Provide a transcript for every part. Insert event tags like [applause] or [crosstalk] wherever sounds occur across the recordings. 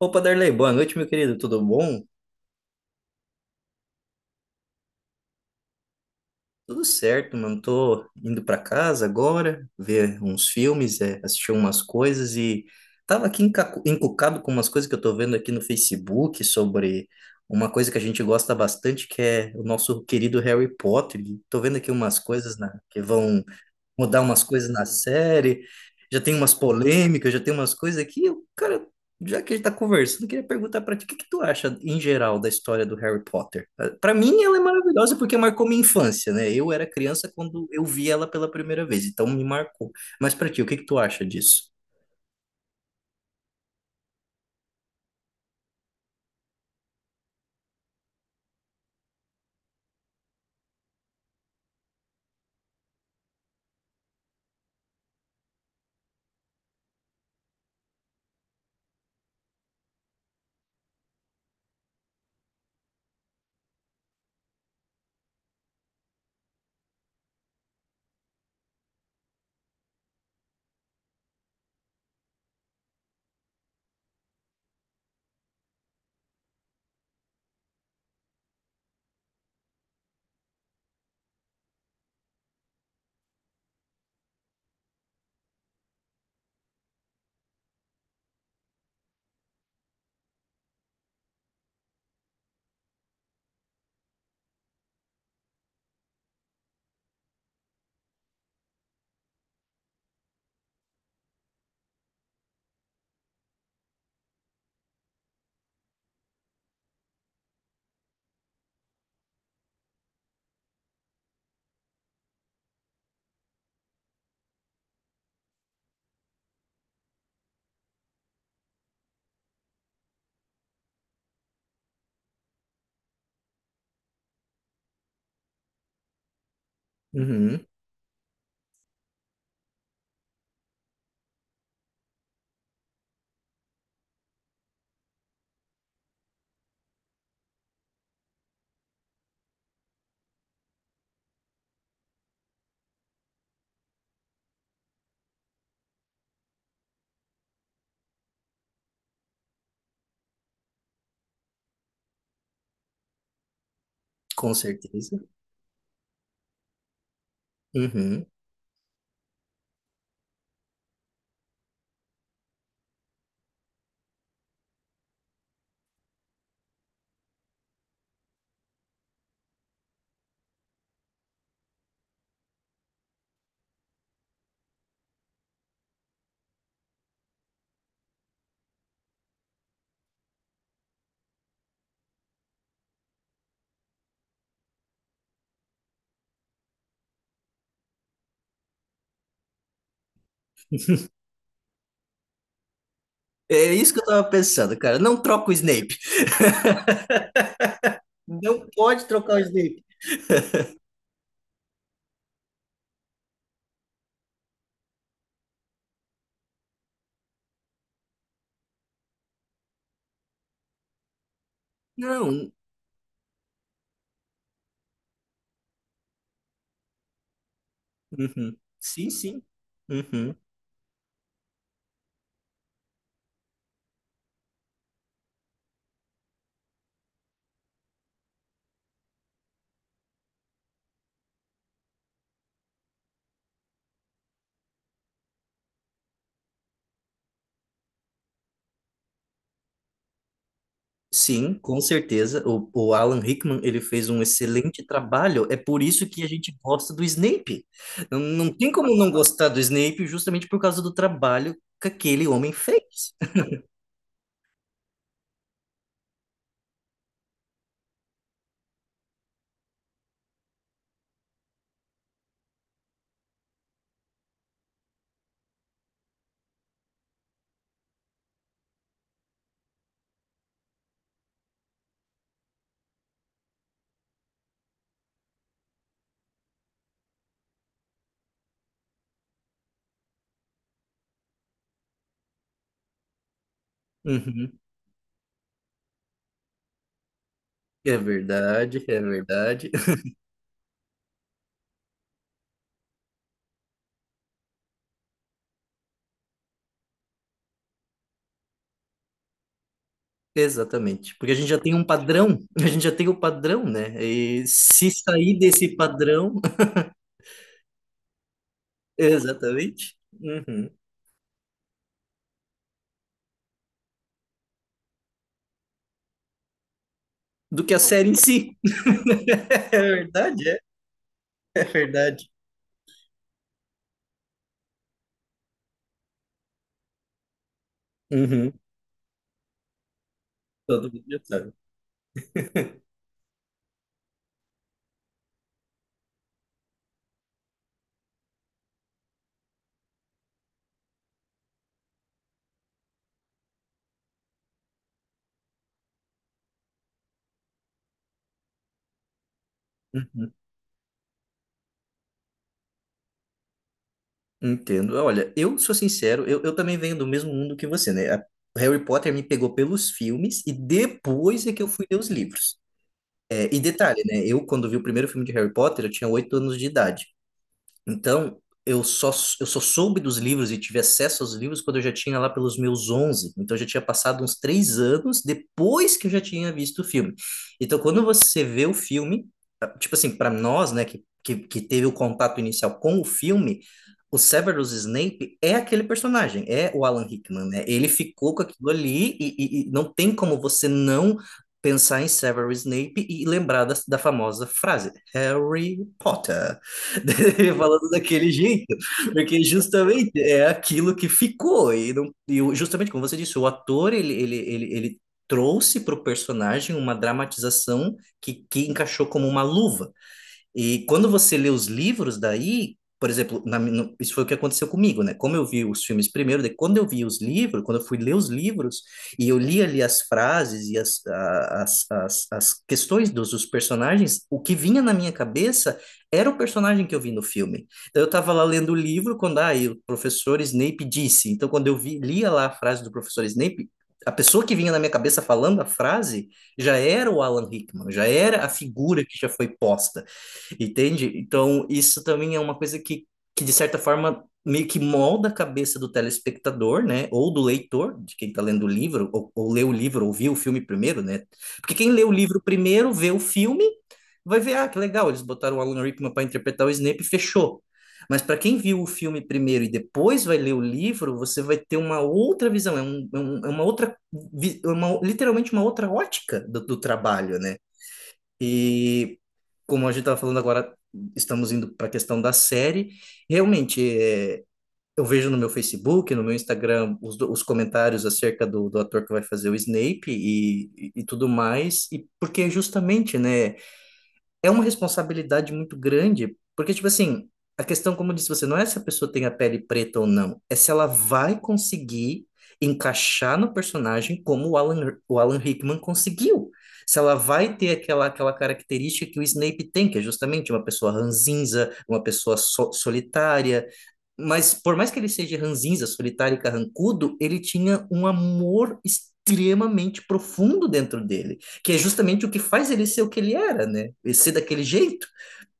Opa, Darley, boa noite, meu querido. Tudo bom? Tudo certo, mano. Tô indo pra casa agora, ver uns filmes, assistir umas coisas e tava aqui encucado com umas coisas que eu tô vendo aqui no Facebook sobre uma coisa que a gente gosta bastante, que é o nosso querido Harry Potter. E tô vendo aqui umas coisas, né, que vão mudar umas coisas na série, já tem umas polêmicas, já tem umas coisas aqui o cara, já que a gente tá conversando, eu queria perguntar pra ti, o que que tu acha em geral da história do Harry Potter? Ah, pra mim ela é maravilhosa porque marcou minha infância, né? Eu era criança quando eu vi ela pela primeira vez, então me marcou. Mas pra ti, o que que tu acha disso? Uhum, com certeza. Uhum. É isso que eu tava pensando, cara. Não troca o Snape. [laughs] Não pode trocar o Snape. Não. Uhum. Sim, sim. Uhum. Sim, com certeza. O Alan Rickman, ele fez um excelente trabalho. É por isso que a gente gosta do Snape. Não, não tem como não gostar do Snape justamente por causa do trabalho que aquele homem fez. [laughs] Uhum. É verdade, é verdade. [laughs] Exatamente. Porque a gente já tem um padrão, [laughs] a gente já tem o padrão, né? E se sair desse padrão, [laughs] exatamente, uhum, do que a série em si. [laughs] É verdade, é verdade. Uhum. Todo mundo já sabe. Uhum. Entendo. Olha, eu sou sincero, eu também venho do mesmo mundo que você, né? Harry Potter me pegou pelos filmes e depois é que eu fui ler os livros. É, e detalhe, né? Eu, quando vi o primeiro filme de Harry Potter, eu tinha 8 anos de idade. Então, eu só, eu só soube dos livros e tive acesso aos livros quando eu já tinha lá pelos meus 11. Então, eu já tinha passado uns 3 anos depois que eu já tinha visto o filme. Então, quando você vê o filme, ah, tipo assim, para nós, né, que teve o contato inicial com o filme, o Severus Snape é aquele personagem, é o Alan Rickman, né? Ele ficou com aquilo ali e não tem como você não pensar em Severus Snape e lembrar da famosa frase, Harry Potter. [laughs] Falando daquele jeito, porque justamente é aquilo que ficou, e, não, justamente como você disse, o ator, ele trouxe para o personagem uma dramatização que encaixou como uma luva. E quando você lê os livros daí, por exemplo, na mi- no- isso foi o que aconteceu comigo, né? Como eu vi os filmes primeiro, daí quando eu vi os livros, quando eu fui ler os livros, e eu li ali as frases e as, a- as, as, as questões dos personagens, o que vinha na minha cabeça era o personagem que eu vi no filme. Então eu estava lá lendo o livro quando ah, e o professor Snape disse. Então quando eu vi, lia lá a frase do professor Snape, a pessoa que vinha na minha cabeça falando a frase já era o Alan Rickman, já era a figura que já foi posta. Entende? Então, isso também é uma coisa de certa forma, meio que molda a cabeça do telespectador, né? Ou do leitor, de quem está lendo o livro, ou lê o livro, ou viu o filme primeiro, né? Porque quem lê o livro primeiro, vê o filme, vai ver, ah, que legal, eles botaram o Alan Rickman para interpretar o Snape e fechou. Mas para quem viu o filme primeiro e depois vai ler o livro, você vai ter uma outra visão, é uma outra, é uma, literalmente uma outra ótica do trabalho, né? E como a gente estava falando agora, estamos indo para a questão da série. Realmente, eu vejo no meu Facebook, no meu Instagram, os comentários acerca do ator que vai fazer o Snape e tudo mais. E porque é justamente, né? É uma responsabilidade muito grande, porque, tipo assim, a questão, como eu disse você, não é se a pessoa tem a pele preta ou não, é se ela vai conseguir encaixar no personagem como o Alan Rickman conseguiu. Se ela vai ter aquela, aquela característica que o Snape tem, que é justamente uma pessoa ranzinza, uma pessoa solitária. Mas, por mais que ele seja ranzinza, solitário e carrancudo, ele tinha um amor extremamente profundo dentro dele que é justamente o que faz ele ser o que ele era, né? E ser daquele jeito,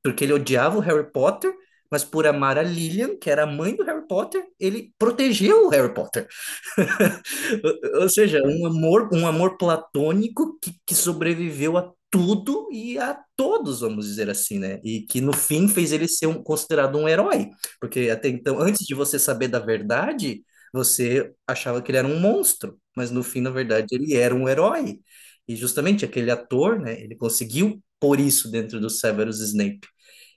porque ele odiava o Harry Potter, mas por amar a Lillian, que era a mãe do Harry Potter, ele protegeu o Harry Potter. Ou seja, um amor platônico que sobreviveu a tudo e a todos, vamos dizer assim, né? E que no fim fez ele ser considerado um herói, porque até então, antes de você saber da verdade, você achava que ele era um monstro, mas no fim, na verdade, ele era um herói. E justamente aquele ator, né? Ele conseguiu pôr isso dentro do Severus Snape.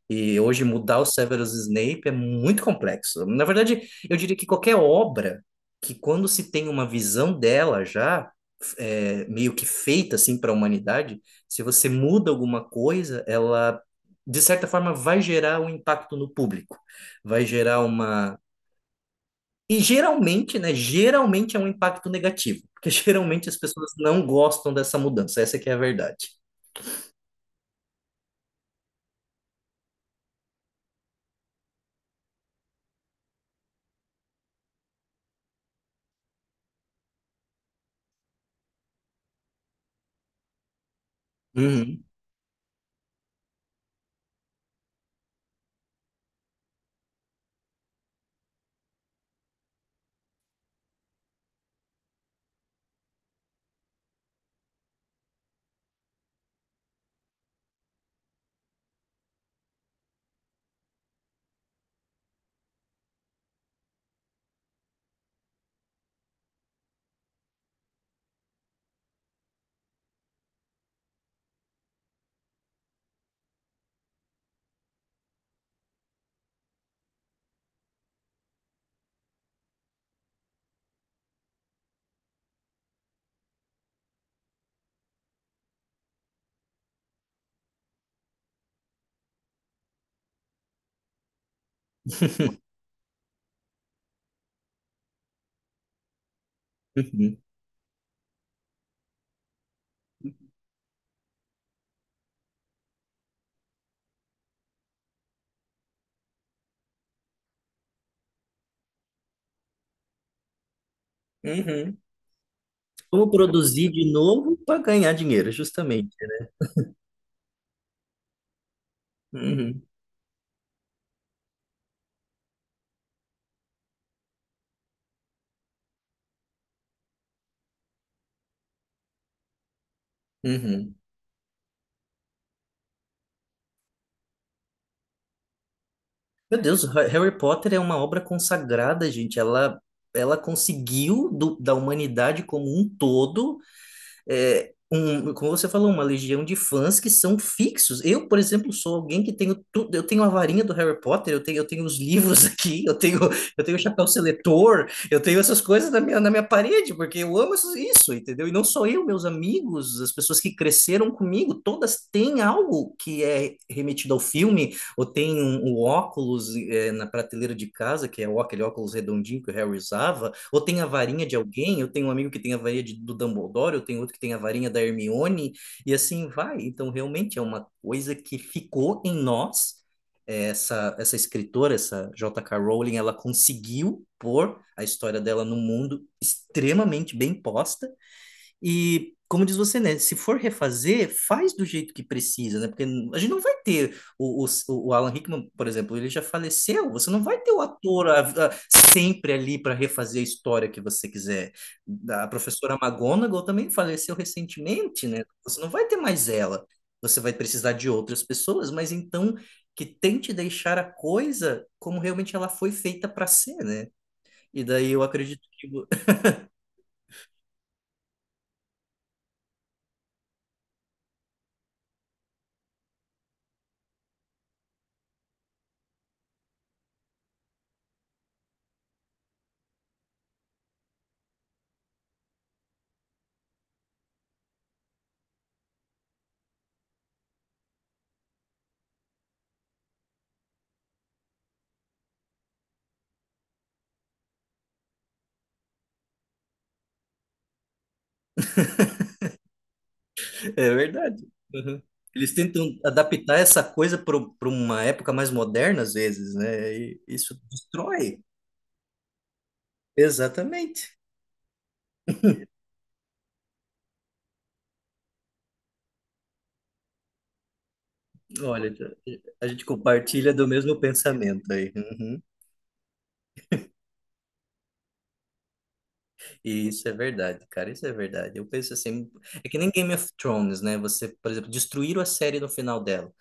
E hoje mudar o Severus Snape é muito complexo. Na verdade, eu diria que qualquer obra que quando se tem uma visão dela já meio que feita assim para a humanidade, se você muda alguma coisa, ela de certa forma vai gerar um impacto no público, vai gerar uma... E geralmente, né, geralmente é um impacto negativo, porque [laughs] geralmente as pessoas não gostam dessa mudança, essa que é a verdade. Uhum. [laughs] Uhum. Uhum. Como produzir de novo para ganhar dinheiro, justamente. Uhum, uhum. Meu Deus, Harry Potter é uma obra consagrada, gente. Ela conseguiu da humanidade como um todo como você falou, uma legião de fãs que são fixos. Eu, por exemplo, sou alguém que tenho tudo, eu tenho a varinha do Harry Potter, eu tenho os livros [laughs] aqui, eu tenho o chapéu seletor, eu tenho essas coisas na minha parede, porque eu amo isso, isso, entendeu? E não só eu, meus amigos, as pessoas que cresceram comigo, todas têm algo que é remetido ao filme, ou tem um, um óculos é, na prateleira de casa, que é aquele óculos redondinho que o Harry usava, ou tem a varinha de alguém, eu tenho um amigo que tem a varinha do Dumbledore, eu tenho outro que tem a varinha da Hermione, e assim vai. Então, realmente é uma coisa que ficou em nós. É, essa escritora, essa JK Rowling, ela conseguiu pôr a história dela no mundo extremamente bem posta e, como diz você, né? Se for refazer, faz do jeito que precisa, né? Porque a gente não vai ter o Alan Rickman, por exemplo, ele já faleceu. Você não vai ter o ator a- sempre ali para refazer a história que você quiser. A professora McGonagall também faleceu recentemente, né? Você não vai ter mais ela. Você vai precisar de outras pessoas, mas então que tente deixar a coisa como realmente ela foi feita para ser, né? E daí eu acredito que é verdade. Uhum. Eles tentam adaptar essa coisa para uma época mais moderna, às vezes, né? E isso destrói. Exatamente. Olha, a gente compartilha do mesmo pensamento aí. Uhum. E isso é verdade, cara, isso é verdade. Eu penso assim, é que nem Game of Thrones, né? Você, por exemplo, destruíram a série no final dela.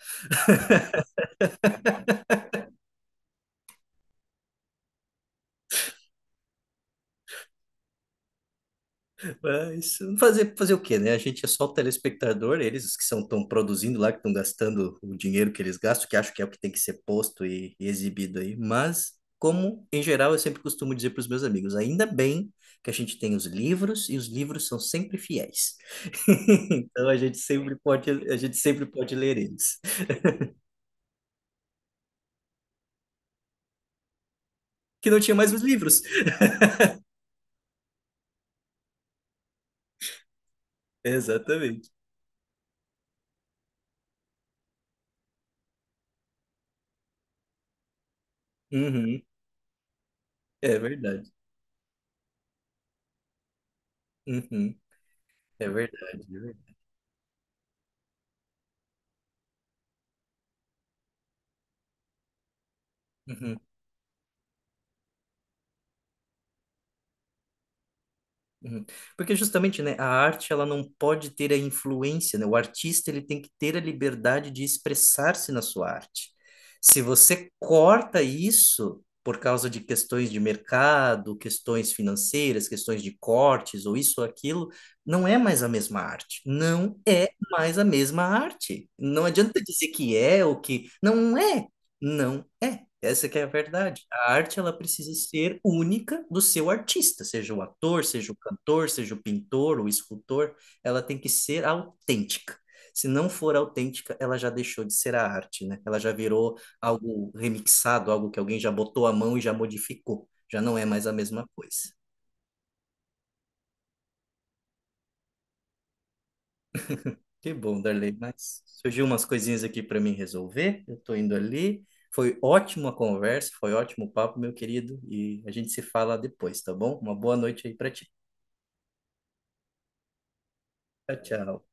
É, isso, fazer o quê, né? A gente é só o telespectador, eles os que são estão produzindo lá, que estão gastando o dinheiro que eles gastam, que acho que é o que tem que ser posto e exibido aí. Mas, como em geral eu sempre costumo dizer para os meus amigos, ainda bem que a gente tem os livros e os livros são sempre fiéis. [laughs] Então a gente sempre pode, a gente sempre pode ler eles. Que não tinha mais os livros. [laughs] Exatamente. Uhum, é verdade. Uhum, é verdade. É verdade. Uhum. Uhum. Porque justamente, né, a arte ela não pode ter a influência, né? O artista ele tem que ter a liberdade de expressar-se na sua arte. Se você corta isso por causa de questões de mercado, questões financeiras, questões de cortes ou isso ou aquilo, não é mais a mesma arte. Não é mais a mesma arte. Não adianta dizer que é ou que não é. Não é. Essa que é a verdade. A arte ela precisa ser única do seu artista, seja o ator, seja o cantor, seja o pintor, o escultor, ela tem que ser autêntica. Se não for autêntica, ela já deixou de ser a arte, né? Ela já virou algo remixado, algo que alguém já botou a mão e já modificou. Já não é mais a mesma coisa. Que bom, Darley, mas surgiu umas coisinhas aqui para mim resolver. Eu tô indo ali. Foi ótima a conversa, foi ótimo o papo, meu querido, e a gente se fala depois, tá bom? Uma boa noite aí para ti. Tchau, tchau.